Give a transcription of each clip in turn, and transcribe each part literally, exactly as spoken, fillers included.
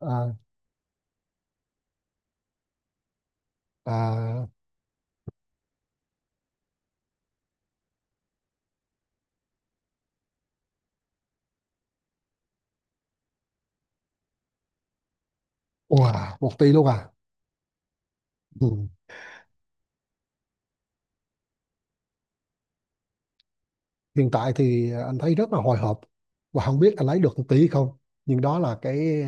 À, à, wow, một tỷ luôn à? Ừ. Hiện tại thì anh thấy rất là hồi hộp và không biết anh lấy được một tỷ không. Nhưng đó là cái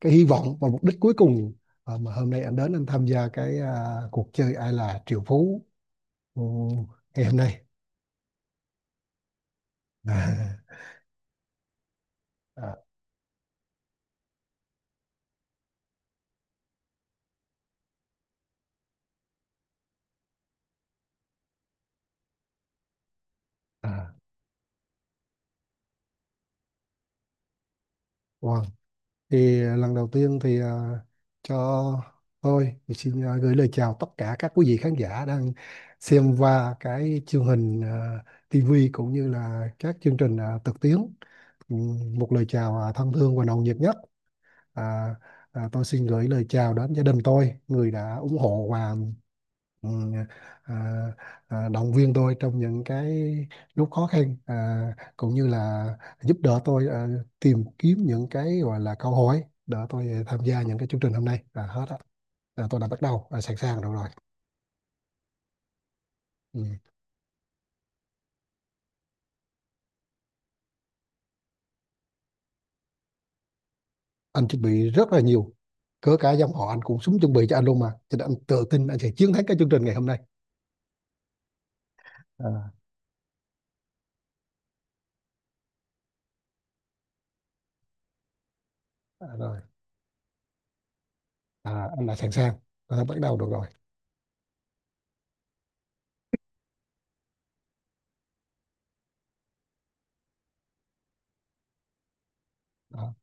cái hy vọng và mục đích cuối cùng à, mà hôm nay anh đến anh tham gia cái à, cuộc chơi ai là triệu phú ừ, ngày hôm nay. À, à, à, wow. thì à, lần đầu tiên thì à, cho tôi thì xin à, gửi lời chào tất cả các quý vị khán giả đang xem qua cái chương trình à, ti vi cũng như là các chương trình à, trực tuyến. Ừ, Một lời chào à, thân thương và nồng nhiệt nhất. à, à, tôi xin gửi lời chào đến gia đình tôi, người đã ủng hộ và, ừ, à, à, động viên tôi trong những cái lúc khó khăn, à, cũng như là giúp đỡ tôi à, tìm kiếm những cái gọi là câu hỏi đỡ tôi tham gia những cái chương trình hôm nay là hết á. Là tôi đã bắt đầu à, sẵn sàng rồi rồi. Ừ. Anh chuẩn bị rất là nhiều, cỡ cả dòng họ anh cũng súng chuẩn bị cho anh luôn mà, cho nên anh tự tin anh sẽ chiến thắng cái chương trình ngày hôm nay. à, à, Rồi, à, anh đã sẵn sàng, tôi đã bắt đầu được rồi. Đó.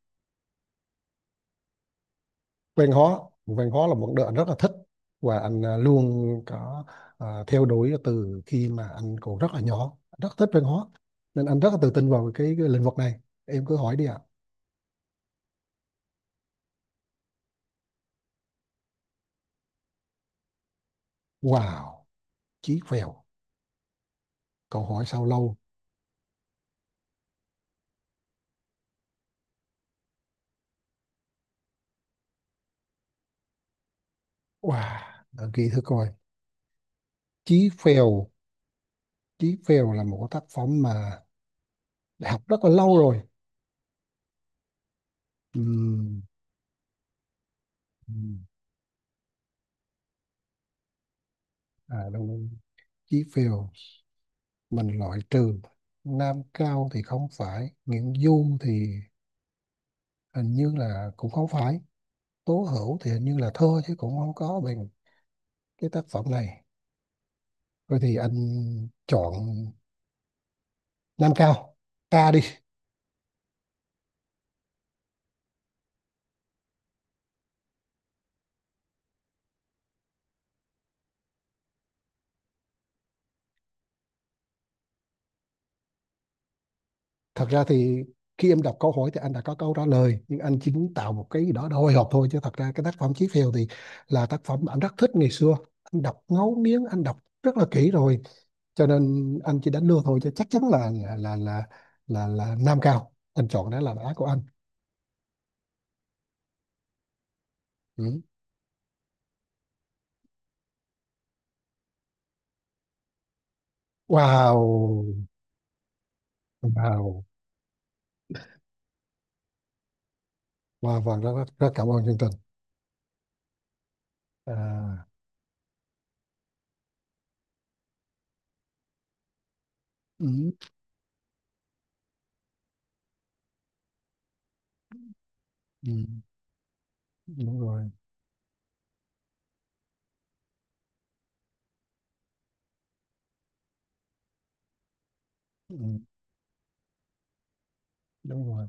văn hóa văn hóa là một đợt rất là thích, và anh à, luôn có à, theo đuổi từ khi mà anh còn rất là nhỏ, rất thích văn hóa, nên anh rất là tự tin vào cái, cái lĩnh vực này. Em cứ hỏi đi ạ. Wow. Chí Phèo. Câu hỏi sau lâu. Wow, đợi kỳ thử coi. Chí Phèo. Chí Phèo là một cái tác phẩm mà đã học rất là lâu rồi. Ừm, ừm, à đúng, đúng. Chí Phèo. Mình loại trừ. Nam Cao thì không phải, Nguyễn Du thì hình như là cũng không phải, Tố Hữu thì hình như là thơ chứ cũng không có bằng cái tác phẩm này. Rồi thì anh chọn Nam Cao, ca đi. Thật ra thì khi em đọc câu hỏi thì anh đã có câu trả lời, nhưng anh chỉ tạo một cái gì đó hồi hộp thôi, chứ thật ra cái tác phẩm Chí Phèo thì là tác phẩm anh rất thích ngày xưa, anh đọc ngấu nghiến, anh đọc rất là kỹ rồi, cho nên anh chỉ đánh lừa thôi, chứ chắc chắn là là là là là, là Nam Cao anh chọn, đó là đáp án của anh. Ừ. Wow. Wow. Và và rất, rất rất cảm ơn chương trình. à, ừ, ừ, Đúng rồi. ừ, Đúng rồi.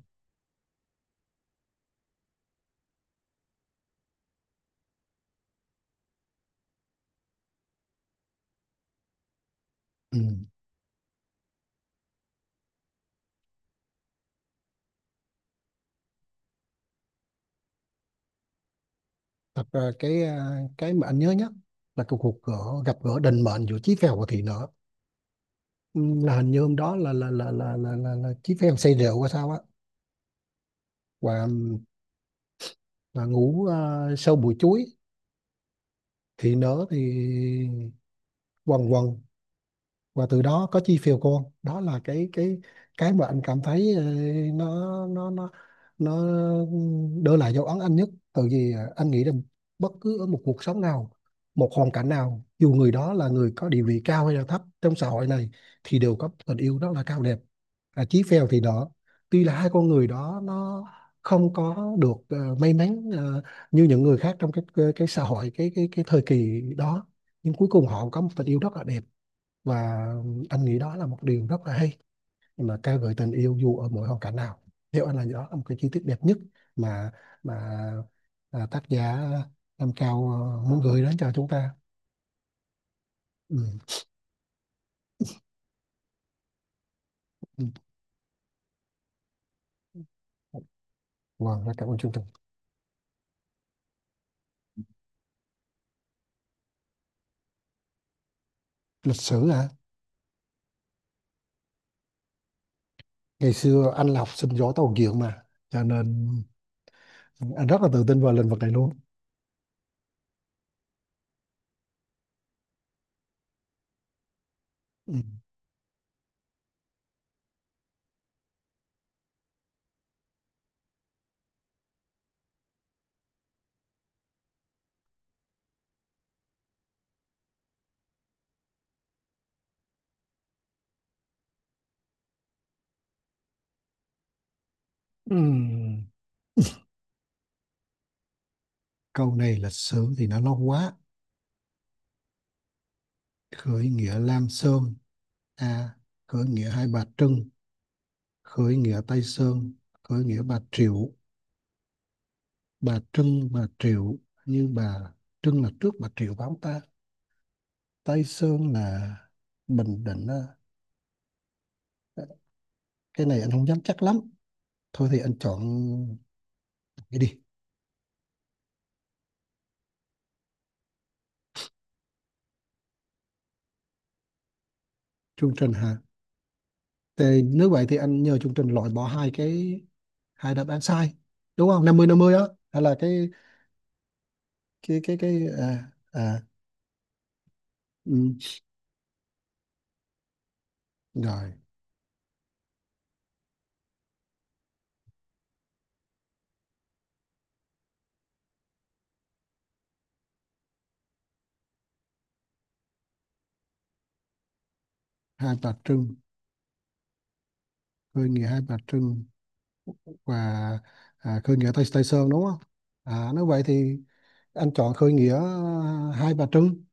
Ừ. Thật ra cái à, cái mà anh nhớ nhất là cái cuộc gỡ, gặp gỡ định mệnh giữa Chí Phèo và Thị Nở. ừ, là hình như hôm đó là là là là là, là, là Chí Phèo say rượu hay sao á, và, và ngủ à, sâu bụi chuối. Thị Nở thì quần quần, và từ đó có chi phiếu cô, đó là cái cái cái mà anh cảm thấy ờ, nó nó nó nó đưa lại dấu ấn anh nhất. Tại vì ờ, anh nghĩ rằng bất cứ ở một cuộc sống nào, một hoàn cảnh nào, dù người đó là người có địa vị cao hay là thấp trong xã hội này, thì đều có tình yêu rất là cao đẹp. à, Chí Phèo thì đó, tuy là hai con người đó nó không có được ờ, may mắn ờ, như những người khác trong cái cái, cái xã hội, cái cái cái thời kỳ đó, nhưng cuối cùng họ có một tình yêu rất là đẹp. Và anh nghĩ đó là một điều rất là hay, mà ca ngợi tình yêu dù ở mỗi hoàn cảnh nào. Theo anh là đó là một cái chi tiết đẹp nhất mà mà à, tác giả Nam Cao ờ, muốn gửi đến cho chúng ta. Ừ. Ừ. Wow, rất cảm ơn chương trình. Lịch sử hả? Ngày xưa anh là học sinh giỏi tàu diện mà, cho nên anh rất là tự tin vào lĩnh vực này luôn. Ừ. Ừ. Câu này lịch sử thì nó lâu quá. Khởi nghĩa Lam Sơn. À. Khởi nghĩa Hai Bà Trưng. Khởi nghĩa Tây Sơn. Khởi nghĩa Bà Triệu. Bà Trưng, bà Triệu, như bà Trưng là trước bà Triệu bám ta. Tây Sơn là Bình Định. Cái này anh không dám chắc lắm. Thôi thì anh chọn cái đi. Chương trình hả? Thì nếu vậy thì anh nhờ chương trình loại bỏ hai cái hai đáp án sai, đúng không, năm mươi năm mươi á, hay là cái cái cái cái à, à, ừ. Rồi. Hai bà Trưng, khởi nghĩa hai bà Trưng, và à, khơi nghĩa Tây, Tây Sơn đúng không? À, nếu vậy thì anh chọn khơi nghĩa à, Hai Bà Trưng.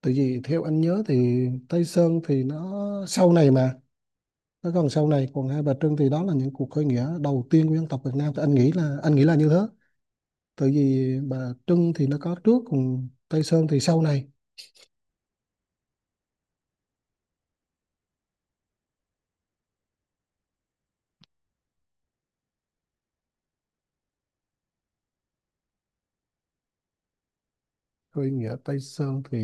Tại vì theo anh nhớ thì Tây Sơn thì nó sau này mà, nó còn sau này, còn Hai Bà Trưng thì đó là những cuộc khơi nghĩa đầu tiên của dân tộc Việt Nam, thì anh nghĩ là anh nghĩ là như thế. Tại vì Bà Trưng thì nó có trước, còn Tây Sơn thì sau này. Khơi nghĩa Tây Sơn thì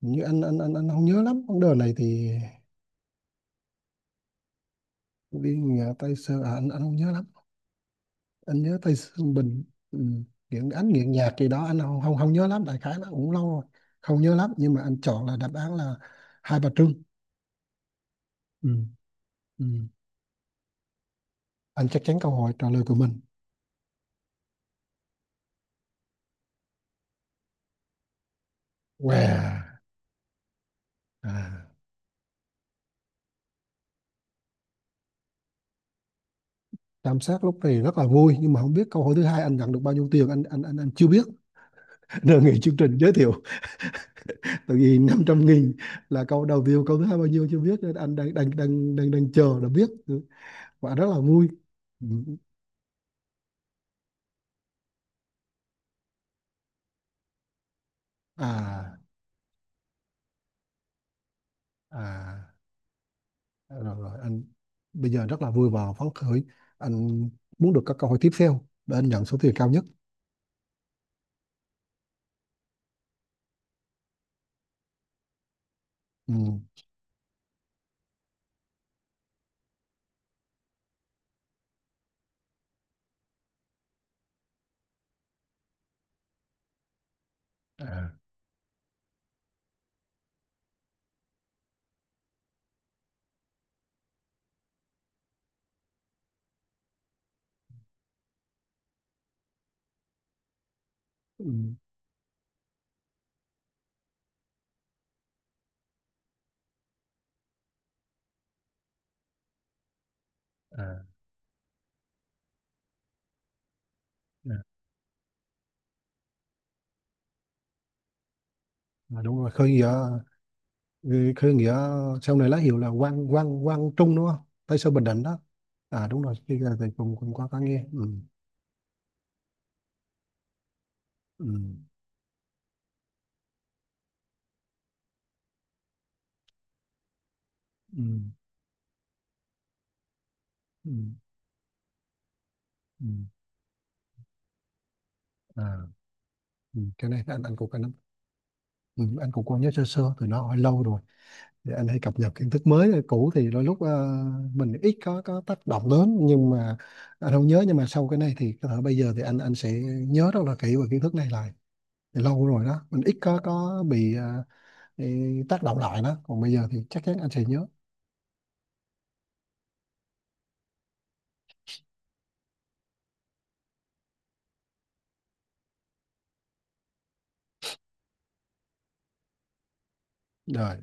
như anh anh anh anh không nhớ lắm vấn đề này thì, đi nghĩa Tây Sơn à, anh anh không nhớ lắm, anh nhớ Tây Sương Bình. Ừ. Nghiện, anh nghiện nhạc gì đó anh không không, không nhớ lắm, đại khái nó cũng lâu rồi, không nhớ lắm, nhưng mà anh chọn là đáp án là Hai Bà Trưng. Ừ. Ừ. Anh chắc chắn câu hỏi trả lời của mình. Wow. À. Tam sát lúc này rất là vui, nhưng mà không biết câu hỏi thứ hai anh nhận được bao nhiêu tiền, anh anh anh, anh chưa biết. Đề nghị chương trình giới thiệu, tại vì năm trăm nghìn là câu đầu view, câu thứ hai bao nhiêu chưa biết, nên anh đang đang đang đang, đang chờ để biết. Ừ, và rất là vui. Ừ. à à Rồi, rồi anh bây giờ rất là vui và phấn khởi, anh muốn được các câu hỏi tiếp theo để anh nhận số tiền cao nhất. Ừ. À. Ừ. À. À. À, đúng rồi, khơi nghĩa khơi nghĩa sau này lá hiệu là Quang Quang Quang Trung đúng không? Tây Sơn Bình Định đó. À đúng rồi, khi ra thì cùng cùng qua có nghe. Ừ. Ừ. Ừ. Ừ. Ừ. À. Ừ. Cái này anh anh cũng anh, ừ. anh cũng có nhớ sơ sơ, từ nó hỏi lâu rồi, thì anh hay cập nhật kiến thức mới, cũ thì đôi lúc ờ, mình ít có có tác động lớn. Nhưng mà anh không nhớ, nhưng mà sau cái này thì có thể bây giờ thì anh anh sẽ nhớ rất là kỹ về kiến thức này lại. Thì lâu rồi đó, mình ít có có bị ờ, bị tác động lại đó, còn bây giờ thì chắc chắn anh sẽ nhớ. Rồi.